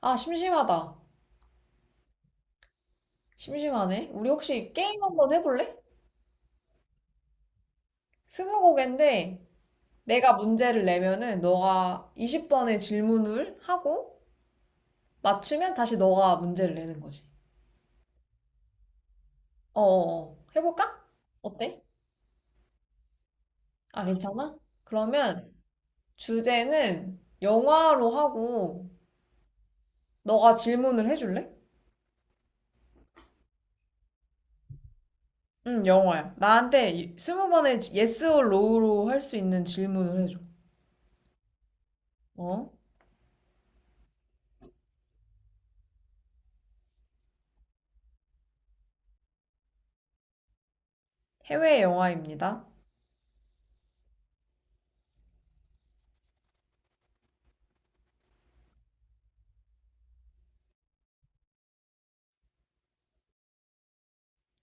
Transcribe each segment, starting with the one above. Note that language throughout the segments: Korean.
아, 심심하다. 심심하네. 우리 혹시 게임 한번 해볼래? 스무고개인데 내가 문제를 내면은 너가 20번의 질문을 하고 맞추면 다시 너가 문제를 내는 거지. 어어어. 해볼까? 어때? 아, 괜찮아? 그러면 주제는 영화로 하고 너가 질문을 해줄래? 응, 영화야. 나한테 20번의 yes or no로 할 수 있는 질문을 해줘. 어? 해외 영화입니다.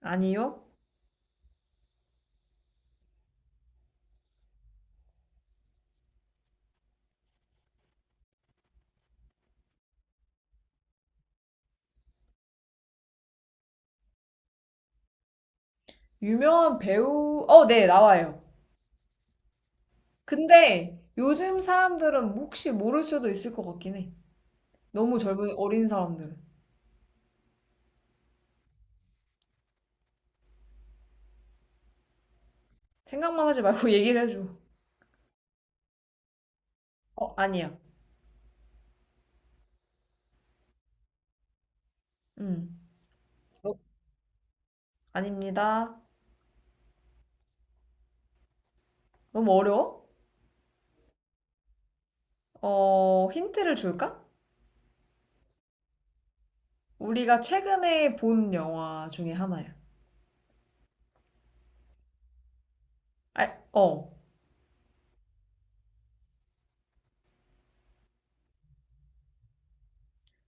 아니요? 유명한 배우, 네, 나와요. 근데 요즘 사람들은 혹시 모를 수도 있을 것 같긴 해. 너무 젊은, 어린 사람들은. 생각만 하지 말고 얘기를 해줘. 아니야. 음, 어, 아닙니다. 너무 어려워? 힌트를 줄까? 우리가 최근에 본 영화 중에 하나야. 아, 어.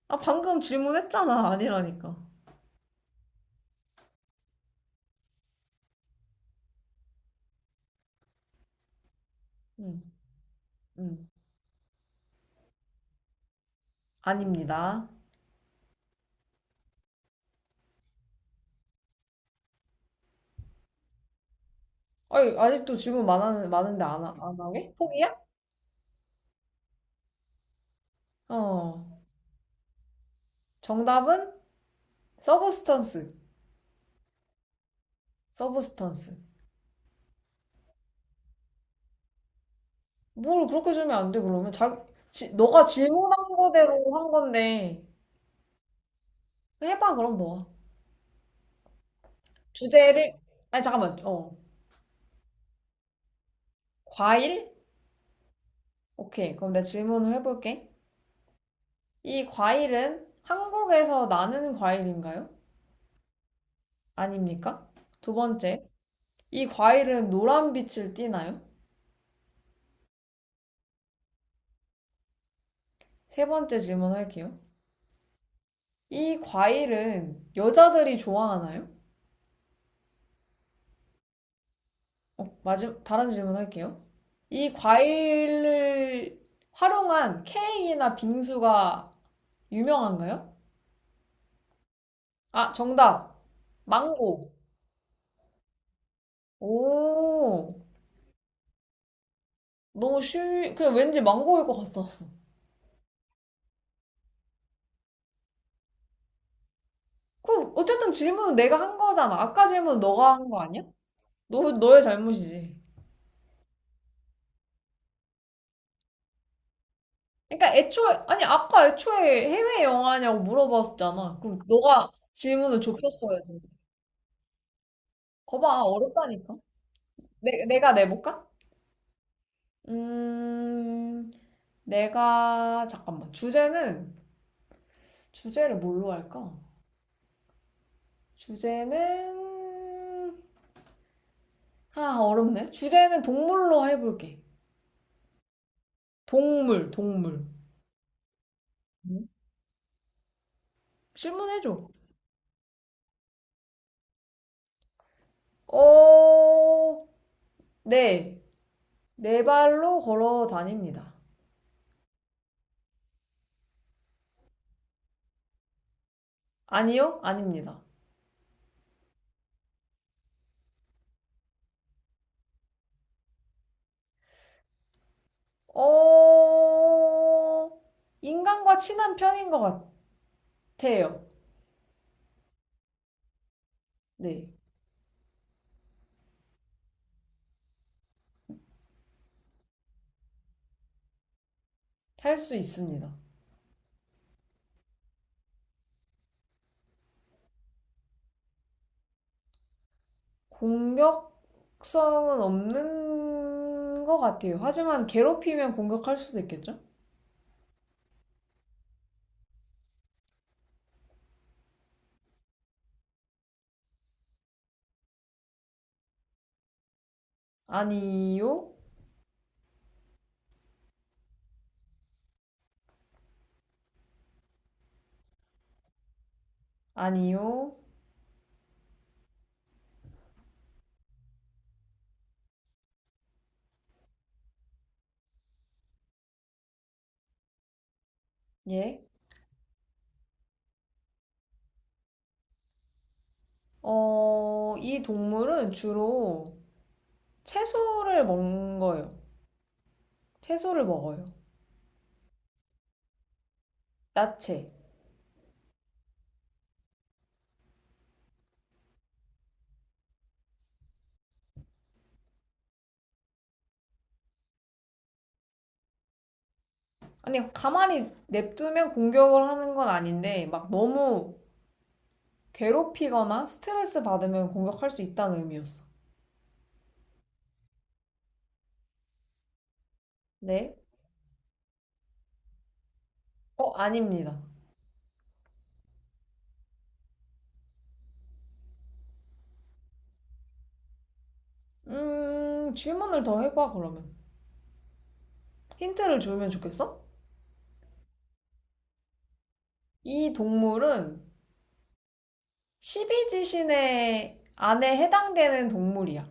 아, 방금 질문했잖아. 아니라니까. 음, 음. 아닙니다. 아니, 아직도 질문 많은데 안 하게? 포기야? 어. 정답은 서브스턴스. 서브스턴스. 뭘 그렇게 주면 안 돼, 그러면. 자, 너가 질문한 거대로 한 건데. 해봐, 그럼 너가. 주제를, 아니, 잠깐만. 과일? 오케이. 그럼 내가 질문을 해볼게. 이 과일은 한국에서 나는 과일인가요? 아닙니까? 두 번째. 이 과일은 노란 빛을 띠나요? 세 번째 질문할게요. 이 과일은 여자들이 좋아하나요? 다른 질문 할게요. 이 과일을 활용한 케이크나 빙수가 유명한가요? 아, 정답. 망고. 오, 너무 쉬, 그냥 왠지 망고일 것 같았어. 그럼 어쨌든 질문은 내가 한 거잖아. 아까 질문 너가 한 거 아니야? 너의 잘못이지. 그러니까 아니, 아까 애초에 해외 영화냐고 물어봤었잖아. 그럼 너가 질문을 좁혔어야 돼. 거봐, 어렵다니까. 내가 내볼까? 음, 내가 잠깐만 주제는 주제를 뭘로 할까? 주제는 아, 어렵네. 주제는 동물로 해볼게. 동물, 동물. 응? 질문해줘. 어, 네. 네 발로 걸어 다닙니다. 아니요? 아닙니다. 어, 인간과 친한 편인 것 같아요. 네. 살 수 있습니다. 공격 속성은 없는 것 같아요. 하지만 괴롭히면 공격할 수도 있겠죠? 아니요, 아니요, 예. 이 동물은 주로 채소를 먹는 거예요. 채소를 먹어요. 야채. 아니, 가만히 냅두면 공격을 하는 건 아닌데, 막 너무 괴롭히거나 스트레스 받으면 공격할 수 있다는 의미였어. 네? 아닙니다. 질문을 더 해봐, 그러면. 힌트를 주면 좋겠어? 이 동물은 십이지신의 안에 해당되는 동물이야.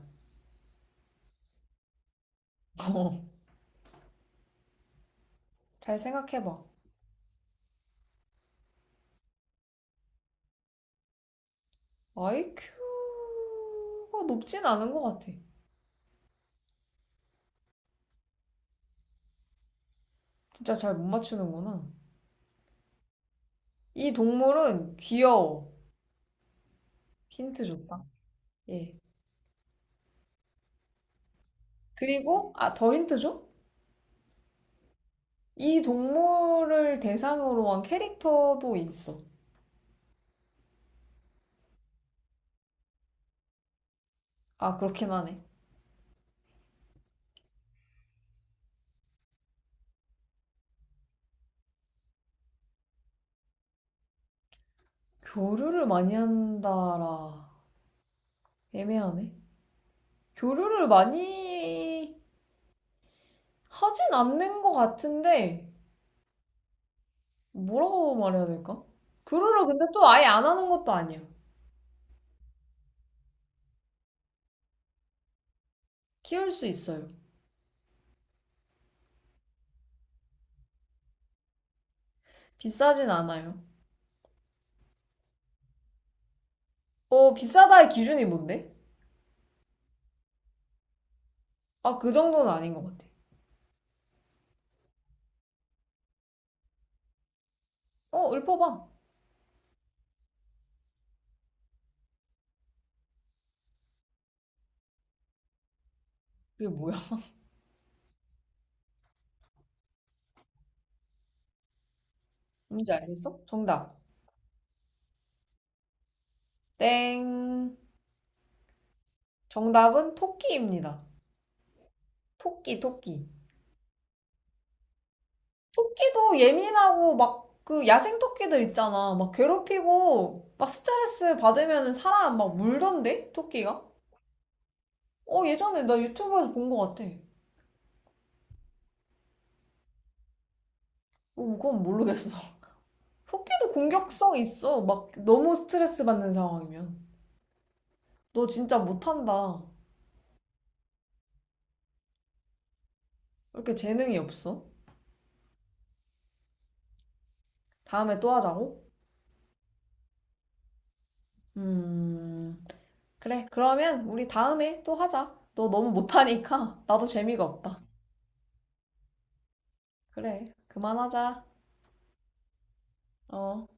잘 생각해봐. 아이큐가 높진 않은 것 같아. 진짜 잘 못 맞추는구나. 이 동물은 귀여워. 힌트 줬다. 예. 그리고, 아, 더 힌트 줘? 이 동물을 대상으로 한 캐릭터도 있어. 아, 그렇긴 하네. 교류를 많이 한다라. 애매하네. 교류를 많이 하진 않는 것 같은데, 뭐라고 말해야 될까? 그루를 근데 또 아예 안 하는 것도 아니야. 키울 수 있어요. 비싸진 않아요. 비싸다의 기준이 뭔데? 아, 그 정도는 아닌 것 같아. 읊어봐. 그게 뭐야? 뭔지 알겠어? 정답. 땡. 정답은 토끼입니다. 토끼, 토끼. 토끼도 예민하고 막 그 야생 토끼들 있잖아. 막 괴롭히고 막 스트레스 받으면 사람 막 물던데? 토끼가? 예전에 나 유튜브에서 본 것 같아. 그건 모르겠어. 토끼도 공격성 있어. 막 너무 스트레스 받는 상황이면. 너 진짜 못한다. 왜 이렇게 재능이 없어? 다음에 또 하자고? 음, 그래. 그러면 우리 다음에 또 하자. 너 너무 못하니까 나도 재미가 없다. 그래. 그만하자. 어.